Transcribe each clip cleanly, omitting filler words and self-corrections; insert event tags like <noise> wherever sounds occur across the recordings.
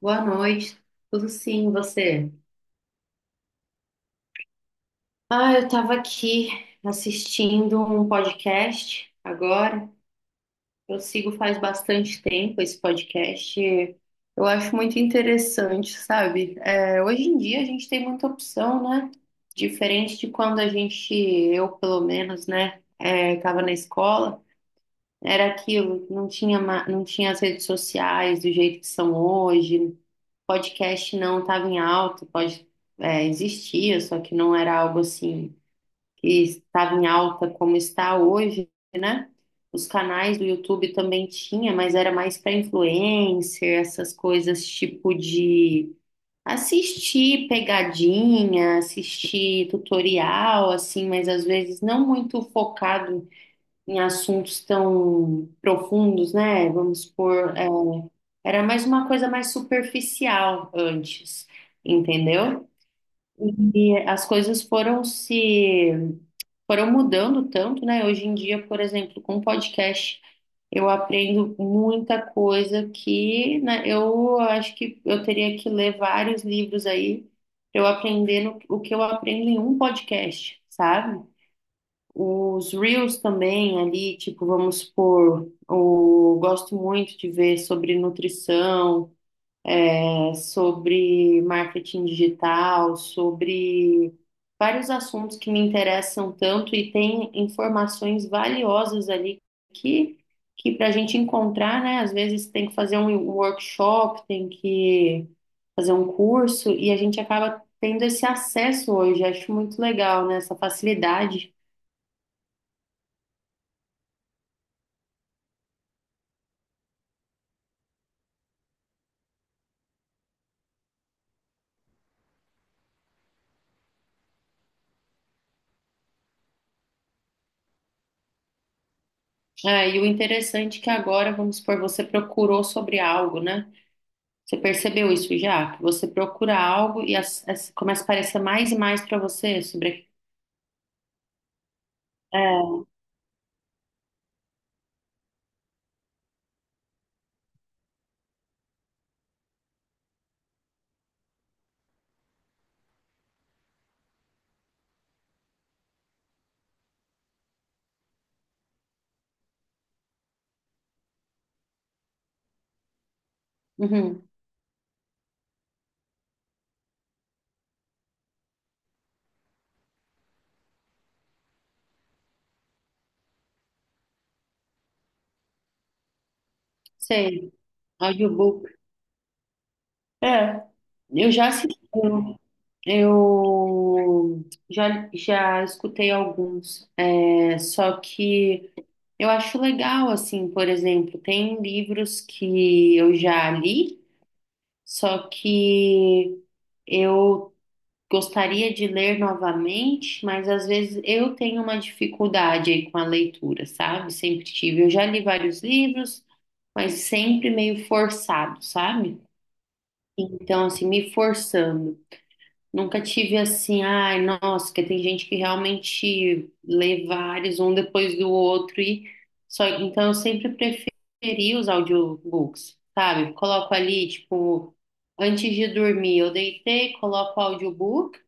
Boa noite, tudo sim, você? Ah, eu estava aqui assistindo um podcast agora. Eu sigo faz bastante tempo esse podcast. Eu acho muito interessante, sabe? É, hoje em dia a gente tem muita opção, né? Diferente de quando a gente, eu pelo menos, né, estava na escola, era aquilo, não tinha, não tinha as redes sociais do jeito que são hoje. Podcast não estava em alta, existia, só que não era algo assim que estava em alta como está hoje, né? Os canais do YouTube também tinha, mas era mais para influencer, essas coisas tipo de assistir pegadinha, assistir tutorial, assim, mas às vezes não muito focado em assuntos tão profundos, né? Vamos supor, era mais uma coisa mais superficial antes, entendeu? E as coisas foram se foram mudando tanto, né? Hoje em dia, por exemplo, com podcast, eu aprendo muita coisa que, né, eu acho que eu teria que ler vários livros aí para eu aprender o que eu aprendo em um podcast, sabe? Os Reels também ali, tipo, vamos supor, eu gosto muito de ver sobre nutrição, sobre marketing digital, sobre vários assuntos que me interessam tanto e tem informações valiosas ali que, que para a gente encontrar, né? Às vezes tem que fazer um workshop, tem que fazer um curso e a gente acaba tendo esse acesso hoje. Acho muito legal, né? Essa facilidade. É, e o interessante é que agora, vamos supor, você procurou sobre algo, né? Você percebeu isso já? Que você procura algo e começa a aparecer mais e mais para você sobre. É, uhum, sei, audiobook. É, eu já assisti, eu já escutei alguns, só que eu acho legal, assim, por exemplo, tem livros que eu já li, só que. Eu gostaria de ler novamente, mas às vezes eu tenho uma dificuldade aí com a leitura, sabe? Sempre tive. Eu já li vários livros, mas sempre meio forçado, sabe? Então, assim, me forçando. Nunca tive assim, ai, nossa, que tem gente que realmente lê vários, um depois do outro, e só. Então, eu sempre preferi os audiobooks, sabe? Coloco ali, tipo, antes de dormir, eu deitei, coloco o audiobook.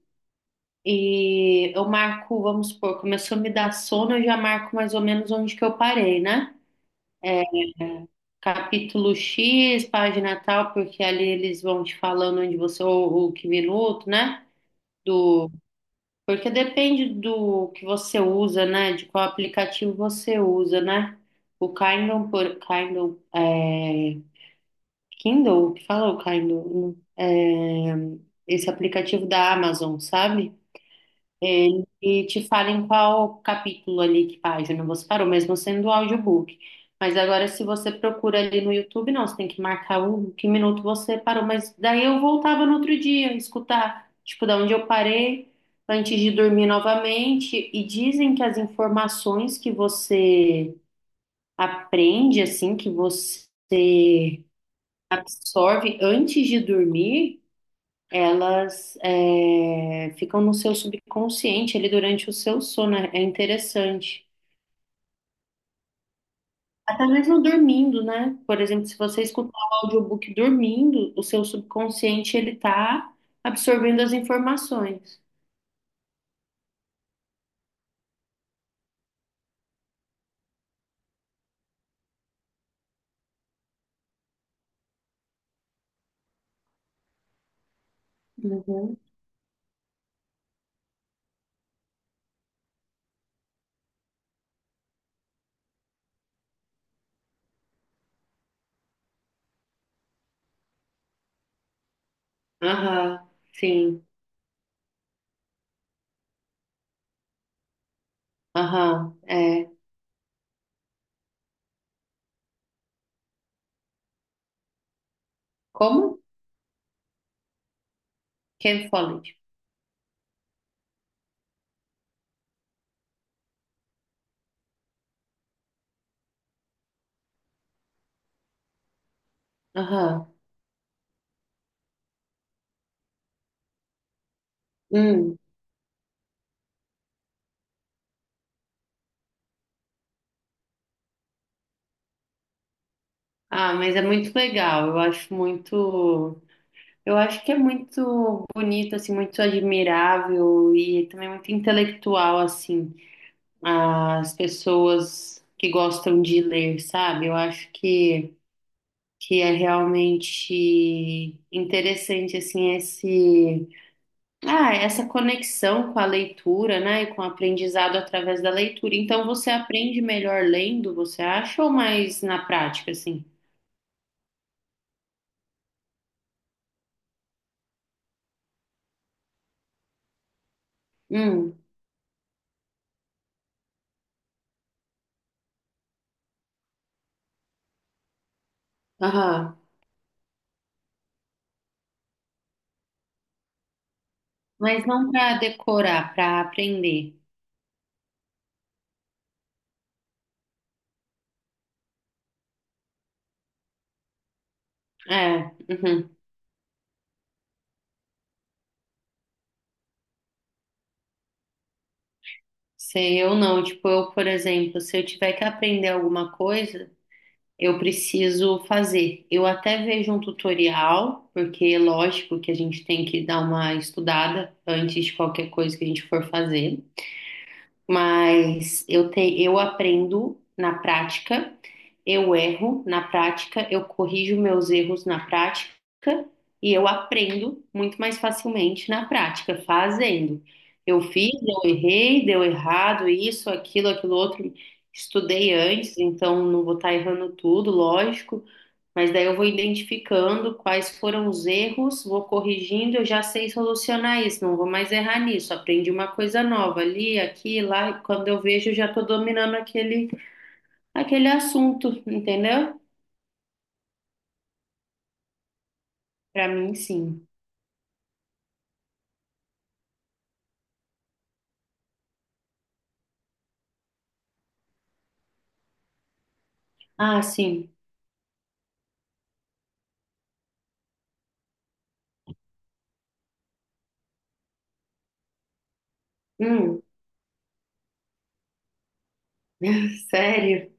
E eu marco, vamos supor, começou a me dar sono, eu já marco mais ou menos onde que eu parei, né? Capítulo X, página tal, porque ali eles vão te falando onde você, ou que minuto, né? Do, porque depende do que você usa, né? De qual aplicativo você usa, né? O Kindle, Kindle, Kindle, o que fala o Kindle? É, esse aplicativo da Amazon, sabe? E te fala em qual capítulo ali, que página você parou, mesmo sendo audiobook. Mas agora, se você procura ali no YouTube, não, você tem que marcar o que minuto você parou. Mas daí eu voltava no outro dia, escutar, tipo, da onde eu parei, antes de dormir novamente. E dizem que as informações que você aprende, assim, que você absorve antes de dormir, elas ficam no seu subconsciente ali durante o seu sono. É interessante. Até mesmo dormindo, né? Por exemplo, se você escutar o audiobook dormindo, o seu subconsciente ele tá absorvendo as informações. Uhum. Aham, sim. Aham, é. Como? Ken Follett. Aham. Hum. Ah, mas é muito legal. Eu acho muito. Eu acho que é muito bonito, assim, muito admirável e também muito intelectual, assim, as pessoas que gostam de ler, sabe? Eu acho que é realmente interessante, assim, essa conexão com a leitura, né? E com o aprendizado através da leitura. Então, você aprende melhor lendo, você acha, ou mais na prática, assim? Hum, aham. Mas não para decorar, para aprender. É, uhum. Sei, eu não. Tipo, eu, por exemplo, se eu tiver que aprender alguma coisa, eu preciso fazer. Eu até vejo um tutorial, porque é lógico que a gente tem que dar uma estudada antes de qualquer coisa que a gente for fazer. Mas eu aprendo na prática, eu erro na prática, eu corrijo meus erros na prática e eu aprendo muito mais facilmente na prática, fazendo. Eu fiz, eu errei, deu errado, isso, aquilo, aquilo outro, estudei antes, então não vou estar errando tudo, lógico, mas daí eu vou identificando quais foram os erros, vou corrigindo, eu já sei solucionar isso, não vou mais errar nisso. Aprendi uma coisa nova ali, aqui, lá, e quando eu vejo, eu já estou dominando aquele assunto, entendeu? Para mim, sim. Ah, sim. Hum, <laughs> sério?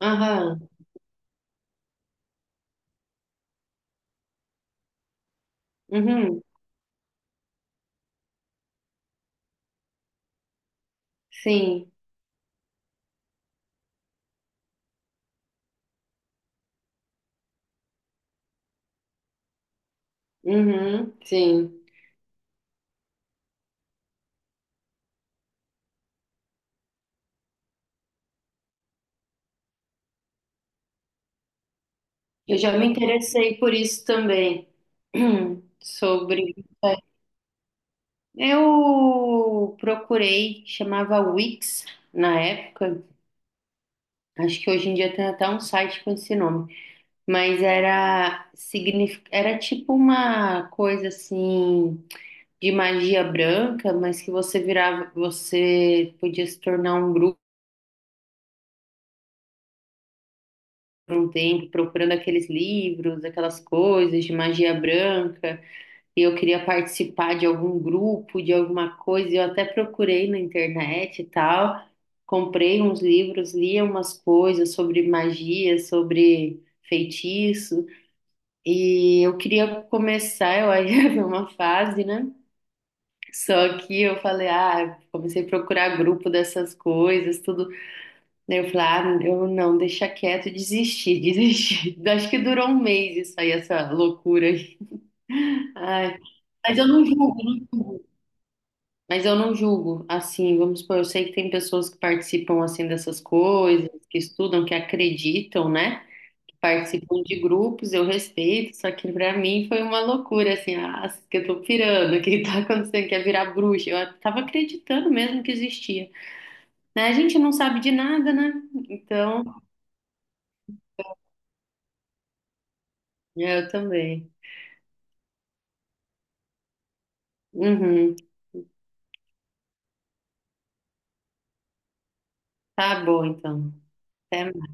Aham. Uhum. Sim. Uhum. Sim. Eu já me interessei por isso também. <clears throat> sobre Eu procurei, chamava Wix na época. Acho que hoje em dia tem até um site com esse nome, mas era tipo uma coisa assim de magia branca, mas que você virava, você podia se tornar um grupo por um tempo procurando aqueles livros, aquelas coisas de magia branca. E eu queria participar de algum grupo, de alguma coisa, eu até procurei na internet e tal, comprei uns livros, lia umas coisas sobre magia, sobre feitiço, e eu queria começar, eu aí <laughs> ia ver uma fase, né? Só que eu falei, ah, comecei a procurar grupo dessas coisas, tudo. Daí eu falei, ah, eu não, deixa quieto, desisti, <laughs> desisti. Acho que durou um mês isso aí, essa loucura aí. Ai, mas eu não julgo, não julgo. Mas eu não julgo, assim, vamos supor, eu sei que tem pessoas que participam, assim, dessas coisas, que estudam, que acreditam, né? Que participam de grupos, eu respeito, só que pra mim foi uma loucura, assim, ah, que eu tô pirando, o que tá acontecendo, quer virar bruxa. Eu tava acreditando mesmo que existia. Né? A gente não sabe de nada, né? Então, eu também. Uhum. Tá bom, então. Até